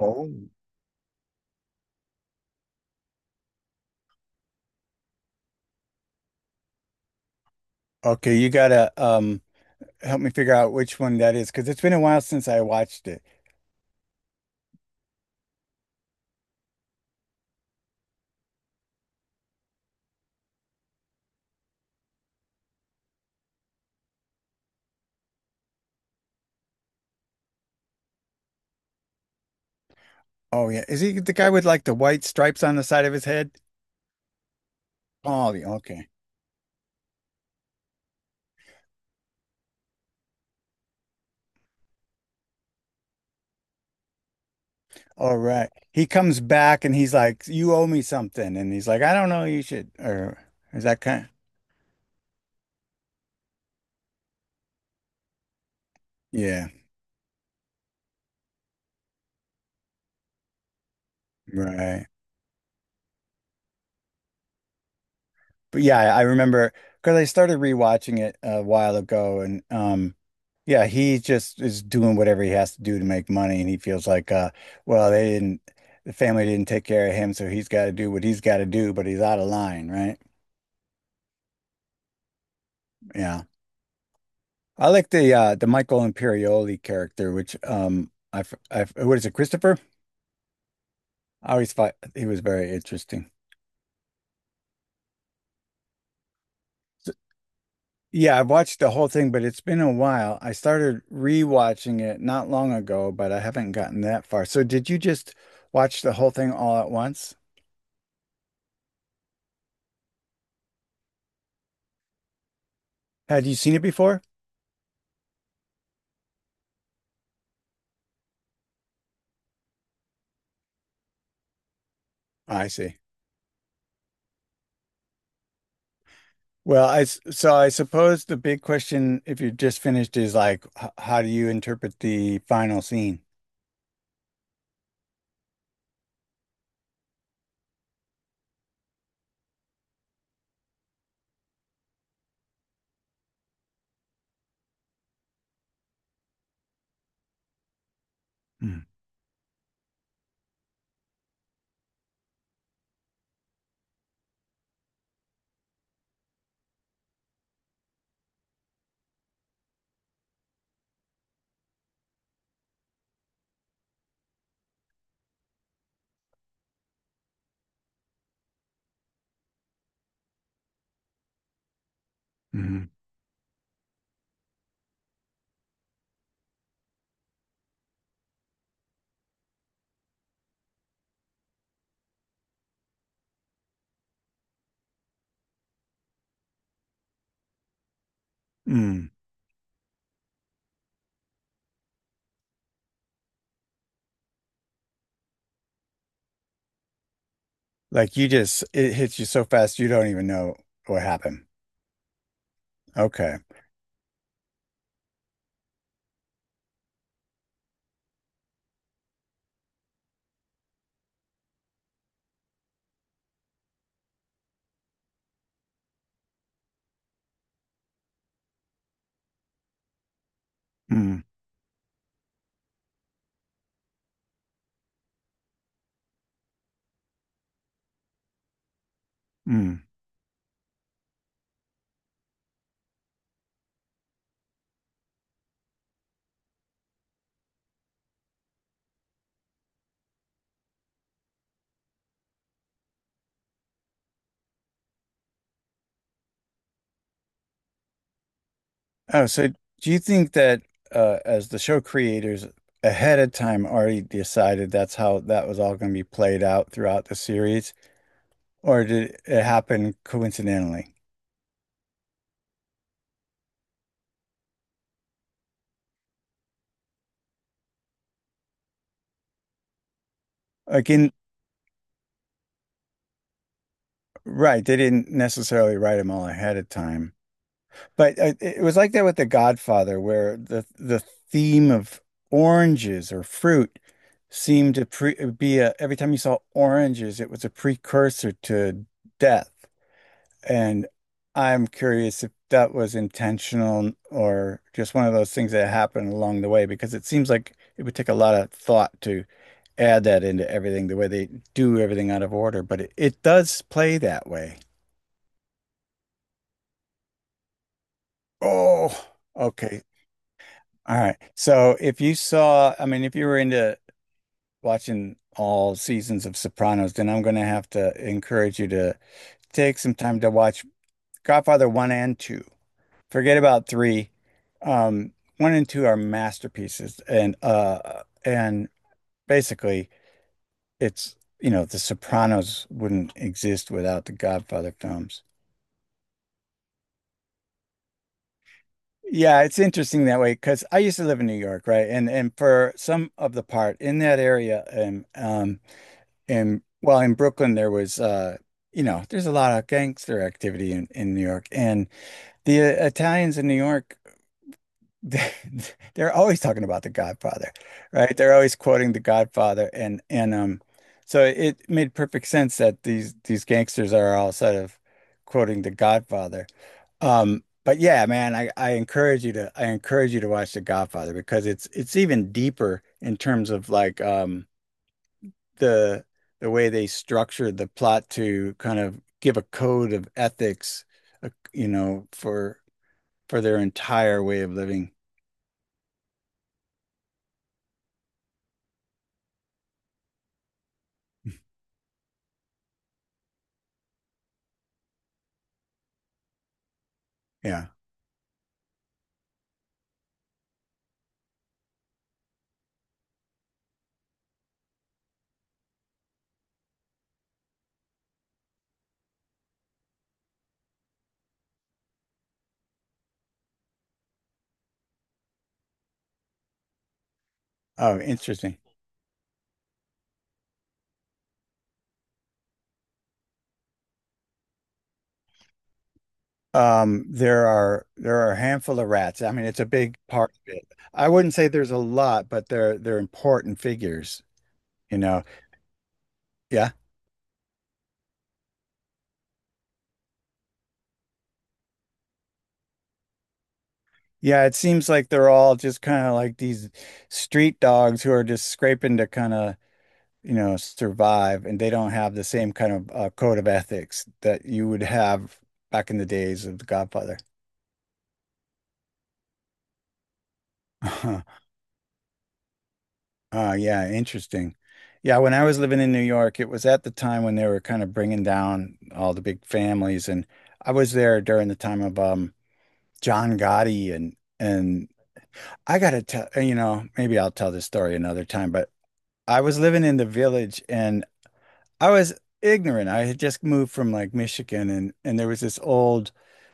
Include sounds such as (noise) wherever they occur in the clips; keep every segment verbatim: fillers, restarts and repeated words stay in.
Oh, okay. You gotta um help me figure out which one that is because it's been a while since I watched it. Oh yeah, is he the guy with like the white stripes on the side of his head? Oh, the- okay. All right. He comes back and he's like, "You owe me something," and he's like, "I don't know. You should." Or is that kind? Yeah. Right. But yeah, I remember because I started rewatching it a while ago, and um, yeah, he just is doing whatever he has to do to make money, and he feels like, uh, well, they didn't, the family didn't take care of him, so he's got to do what he's got to do, but he's out of line, right? Yeah, I like the uh, the Michael Imperioli character, which, um, I, f- I f- what is it, Christopher? I always thought he was very interesting. Yeah, I've watched the whole thing, but it's been a while. I started rewatching it not long ago, but I haven't gotten that far. So did you just watch the whole thing all at once? Had you seen it before? I see. Well, I s- so I suppose the big question, if you just finished, is like, h- how do you interpret the final scene? Mm. Mhm. Mm. Like, you just it hits you so fast you don't even know what happened. Okay. Mm, mm. Oh, so do you think that uh, as the show creators ahead of time already decided that's how that was all going to be played out throughout the series, or did it happen coincidentally? Like in Right, they didn't necessarily write them all ahead of time, but uh, it it was like that with The Godfather, where the the theme of oranges or fruit seemed to pre be a every time you saw oranges, it was a precursor to death. And I'm curious if that was intentional or just one of those things that happened along the way, because it seems like it would take a lot of thought to add that into everything, the way they do everything out of order, but it, it does play that way. Oh, okay. All right. So if you saw, I mean, if you were into watching all seasons of Sopranos, then I'm going to have to encourage you to take some time to watch Godfather one and two. Forget about three. Um, One and two are masterpieces, and uh, and basically, it's you know, The Sopranos wouldn't exist without the Godfather films. Yeah, it's interesting that way because I used to live in New York, right? And and for some of the part in that area, and um, and well, in Brooklyn there was uh, you know, there's a lot of gangster activity in in New York, and the Italians in New York (laughs) they're always talking about The Godfather, right? They're always quoting The Godfather, and and um, so it made perfect sense that these these gangsters are all sort of quoting The Godfather. Um, but yeah, man, I I encourage you to I encourage you to watch The Godfather because it's it's even deeper in terms of like um the the way they structured the plot to kind of give a code of ethics, uh, you know, for for their entire way of living. Yeah. Oh, interesting. Um, there are there are a handful of rats. I mean, it's a big part of it. I wouldn't say there's a lot, but they're they're important figures, you know. Yeah. Yeah, it seems like they're all just kind of like these street dogs who are just scraping to kind of, you know, survive, and they don't have the same kind of uh, code of ethics that you would have back in the days of The Godfather. (laughs) Ah, yeah, interesting. Yeah, when I was living in New York, it was at the time when they were kind of bringing down all the big families, and I was there during the time of um John Gotti and and I gotta tell you know maybe I'll tell this story another time, but I was living in the Village, and I was ignorant. I had just moved from like Michigan, and and there was this old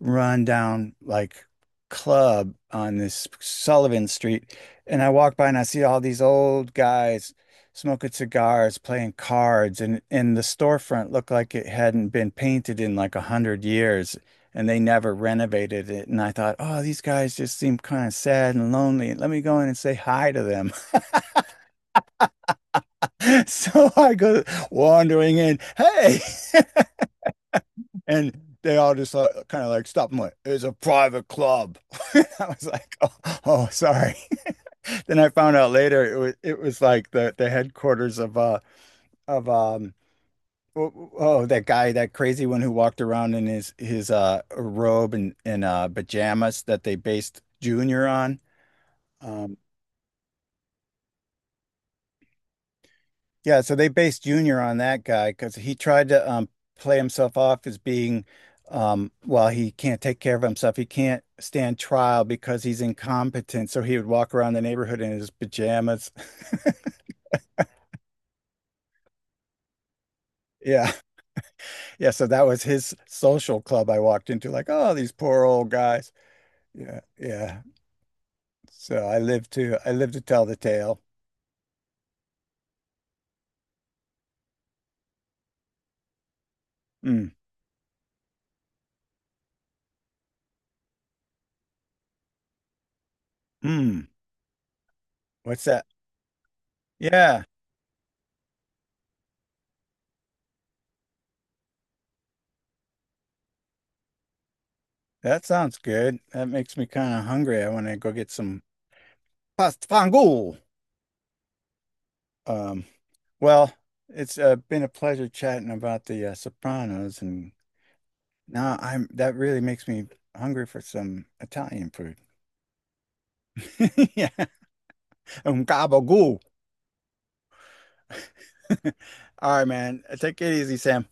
rundown like club on this Sullivan Street, and I walk by and I see all these old guys smoking cigars, playing cards, and and the storefront looked like it hadn't been painted in like a hundred years, and they never renovated it, and I thought, "Oh, these guys just seem kind of sad and lonely. Let me go in and say hi to them." (laughs) So I go wandering in, "Hey," And they all just like, kind of like stopped and went, "It's a private club." (laughs) I was like, oh, oh, sorry. (laughs) Then I found out later it was it was like the the headquarters of uh of um oh, oh that guy, that crazy one, who walked around in his his uh robe and and uh pajamas that they based Junior on. Um, Yeah, so they based Junior on that guy because he tried to um, play himself off as being, um, well, he can't take care of himself. He can't stand trial because he's incompetent. So he would walk around the neighborhood in his pajamas. (laughs) Yeah. Yeah. So that was his social club I walked into, like, oh, these poor old guys. Yeah. Yeah. So I live to, I live to tell the tale. Mm. Mm. What's that? Yeah. That sounds good. That makes me kind of hungry. I want to go get some pasta fangool. Um, well, it's uh, been a pleasure chatting about the uh, Sopranos, and now I'm that really makes me hungry for some Italian food. (laughs) Yeah, um, gabagool. (laughs) All right, man. Take it easy, Sam.